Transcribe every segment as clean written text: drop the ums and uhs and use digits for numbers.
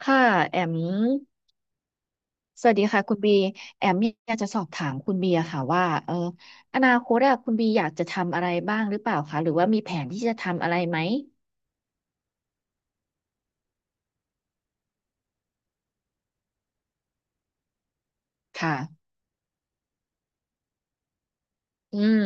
ค่ะแอมสวัสดีค่ะคุณบีแอมอยากจะสอบถามคุณบีอะค่ะว่าอนาคตอะคุณบีอยากจะทำอะไรบ้างหรือเปล่าคะหรือว่ามีแผนที่จะทำอะไรไหมค่ะอืม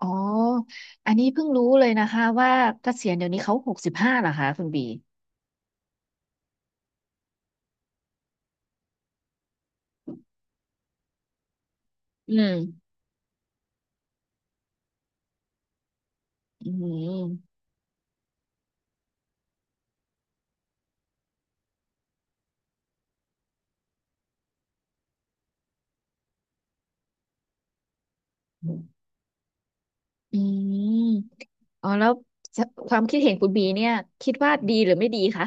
อ๋ออันนี้เพิ่งรู้เลยนะคะว่าเกษียณเดี๋ยวนี้เขาหกสิบห้าเหรอคะคุณบีอืมอืมอืมอ๋อแล้วความคิดเห็นคุณบีเนี่ยคิดว่าดีหรือไม่ดีคะ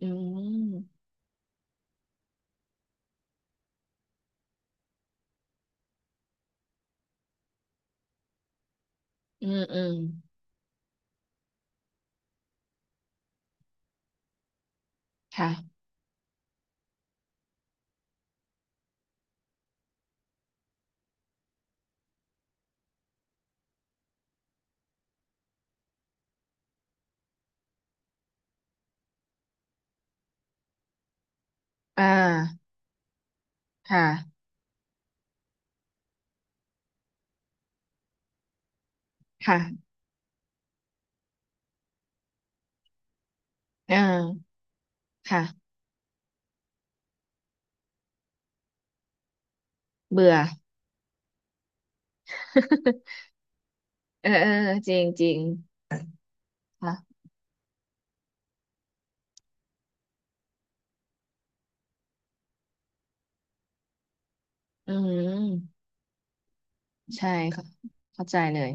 อืมอืมอืมค่ะอ่าค่ะค่ะ เออค่ะเบื่อ เออเออจริงจริงค่ะอืมใช่ค่ะเข้าใจเลย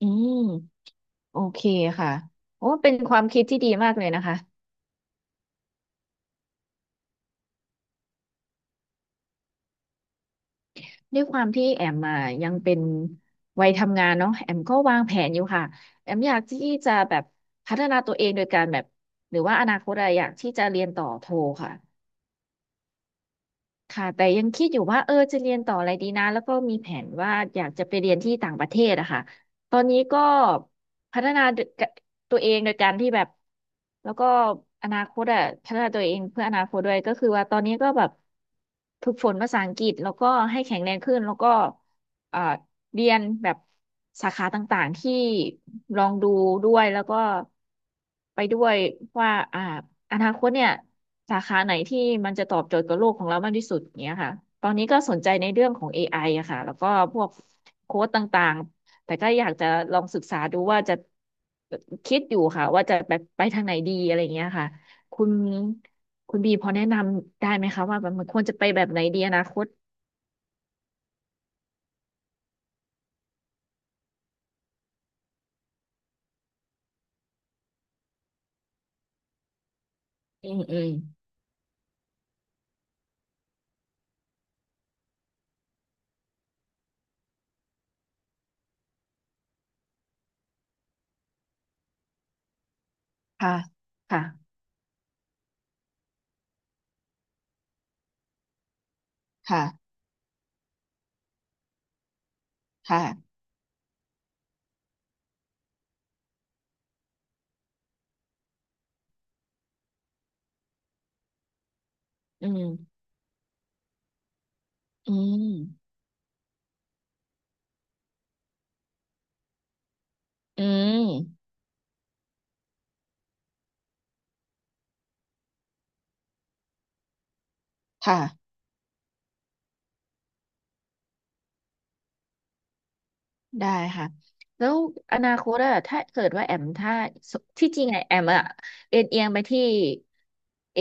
อืมโอเคค่ะโอ้เป็นความคิดที่ดีมากเลยนะคะด้วยความที่แอมมายังเป็นวัยทำงานเนาะแอมก็วางแผนอยู่ค่ะแอมอยากที่จะแบบพัฒนาตัวเองโดยการแบบหรือว่าอนาคตอะอยากที่จะเรียนต่อโทค่ะ ค่ะแต่ยังคิดอยู่ว่าจะเรียนต่ออะไรดีนะแล้วก็มีแผนว่าอยากจะไปเรียนที่ต่างประเทศอะค่ะตอนนี้ก็พัฒนาตัวเองโดยการที่แบบแล้วก็อนาคตอะพัฒนาตัวเองเพื่ออนาคตด้วยก็คือว่าตอนนี้ก็แบบฝึกฝนภาษาอังกฤษแล้วก็ให้แข็งแรงขึ้นแล้วก็เอ่อเรียนแบบสาขาต่างๆที่ลองดูด้วยแล้วก็ ไปด้วยว่าอ่าอนาคตเนี่ยสาขาไหนที่มันจะตอบโจทย์กับโลกของเรามากที่สุดอย่างเงี้ยค่ะตอนนี้ก็สนใจในเรื่องของเอไออะค่ะแล้วก็พวกโค้ดต่างๆแต่ก็อยากจะลองศึกษาดูว่าจะคิดอยู่ค่ะว่าจะไปทางไหนดีอะไรอย่างเงี้ยค่ะคุณคุณบีพอแนะนำได้ไหมคะว่ามันควรจะไปแบบไหนดีอนาคตอืมอืมค่ะค่ะค่ะค่ะอืมอืมอืมค่ะ ได้ค่ะแล้วอนาคตอะถ้าเกิดว่าแอมถ้าสที่จริงไงแอมอะเอ็นเอียงไปที่เอ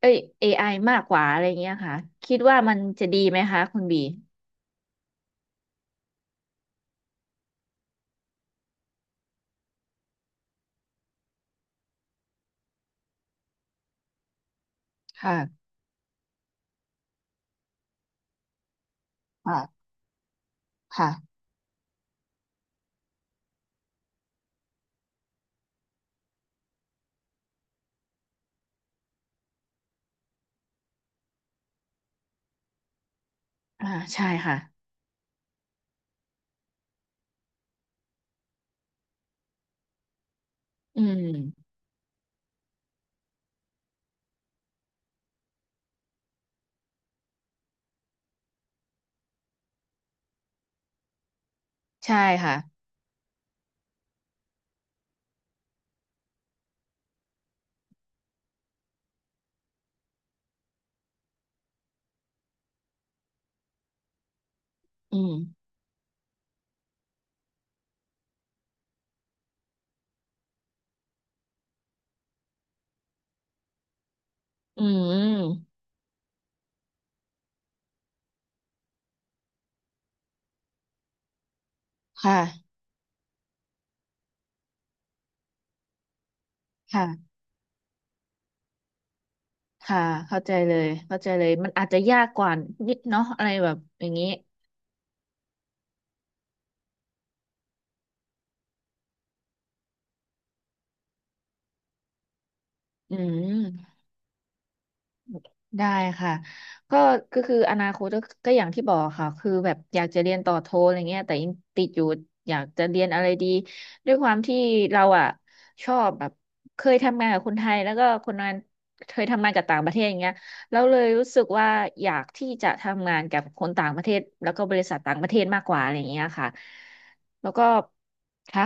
เอ้ยเอไอมากกว่าอะไรเงี้ยค่ะคิดว่ามันจะดีไหมคะคุณบีค่ะค่ะค่ะอ่าใช่ค่ะอืมใช่ค่ะอืมอืมค่ะค่ะค่ะเข้าใจเลยเข้าใจเลยมันอาจจะยากกว่านิดเนาะอะไรแบบอย่างนี้อืม ได้ค่ะก็ก็คืออนาคตก็ก็อย่างที่บอกค่ะคือแบบอยากจะเรียนต่อโทอะไรเงี้ยแต่ยังติดอยู่อยากจะเรียนอะไรดีด้วยความที่เราอ่ะชอบแบบเคยทำงานกับคนไทยแล้วก็คนงานเคยทำงานกับต่างประเทศอย่างเงี้ยเราเลยรู้สึกว่าอยากที่จะทำงานกับคนต่างประเทศแล้วก็บริษัทต่างประเทศมากกว่าอะไรอย่างเงี้ยค่ะแล้วก็ค่ะ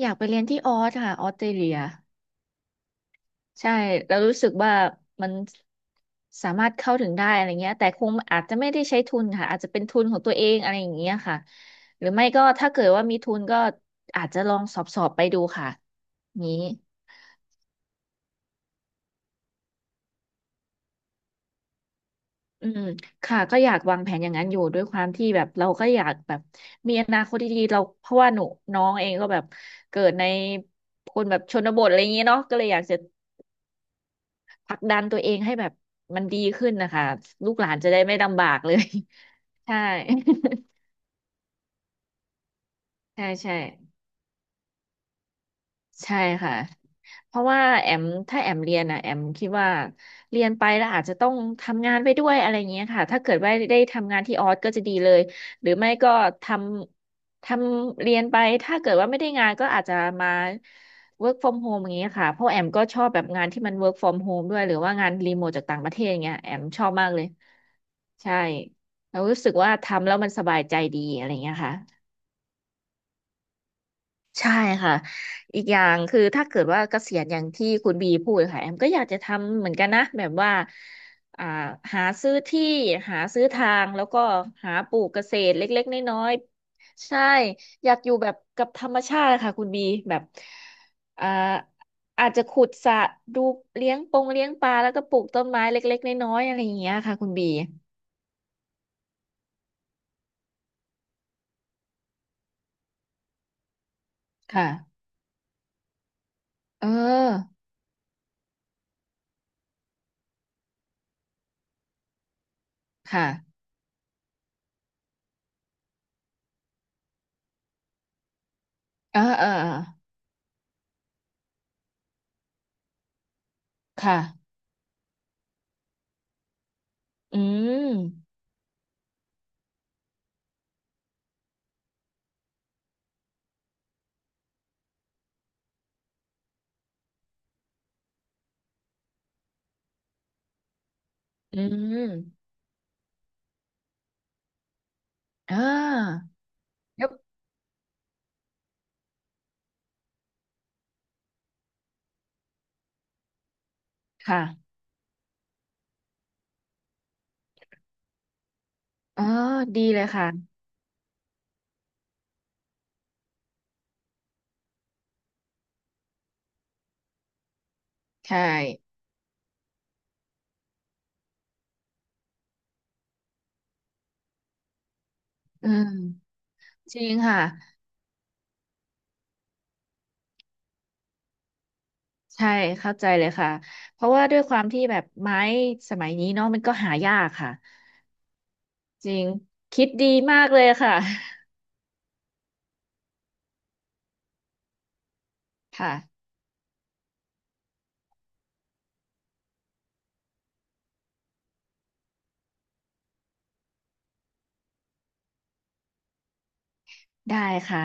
อยากไปเรียนที่ออสค่ะออสเตรเลีย ใช่เรารู้สึกว่ามันสามารถเข้าถึงได้อะไรเงี้ยแต่คงอาจจะไม่ได้ใช้ทุนค่ะอาจจะเป็นทุนของตัวเองอะไรอย่างเงี้ยค่ะหรือไม่ก็ถ้าเกิดว่ามีทุนก็อาจจะลองสอบไปดูค่ะนี้อืมค่ะก็อยากวางแผนอย่างนั้นอยู่ด้วยความที่แบบเราก็อยากแบบมีอนาคตที่ดีเราเพราะว่าหนูน้องเองก็แบบเกิดในคนแบบชนบทอะไรอย่างเงี้ยเนาะก็เลยอยากจะผลักดันตัวเองให้แบบมันดีขึ้นนะคะลูกหลานจะได้ไม่ลำบากเลย ใช่ ใช่ใช่ใช่ค่ะเพราะว่าแอมถ้าแอมเรียนอ่ะแอมคิดว่าเรียนไปแล้วอาจจะต้องทำงานไปด้วยอะไรเงี้ยค่ะถ้าเกิดว่าได้ทำงานที่ออสก็จะดีเลยหรือไม่ก็ทำทำเรียนไปถ้าเกิดว่าไม่ได้งานก็อาจจะมา work from home อย่างเงี้ยค่ะเพราะแอมก็ชอบแบบงานที่มัน work from home ด้วยหรือว่างานรีโมทจากต่างประเทศอย่างเงี้ยแอมชอบมากเลยใช่เรารู้สึกว่าทำแล้วมันสบายใจดีอะไรเงี้ยค่ะ ใช่ค่ะ อีกอย่างคือถ้าเกิดว่าเกษียณอย่างที่คุณบีพูดค่ะแอมก็อยากจะทำเหมือนกันนะแบบว่าอ่าหาซื้อที่หาซื้อทางแล้วก็หาปลูกเกษตรเล็กๆน้อยๆใช่อยากอยู่แบบกับธรรมชาติค่ะคุณบีแบบอ่าอาจจะขุดสระดูเลี้ยงปงเลี้ยงปลาแล้วก็ปลูกต้นไม้เล็กๆน้อยๆอะไรอย่างเงี้ยค่ะคุณบีค่ะเออค่ะเออเออเออค่ะอืมอืม อ่าแลค่ะอ๋อ ดีเลยค่ะ ใช่อืมจริงค่ะ ใช่ เข้าใจเลยค่ะ เพราะว่าด้วยความที่แบบไม้สมัยนี้เนาะมันก็หายากค่ะ จริง คิดดีมากเลยค่ะ ค่ะ ได้ค่ะ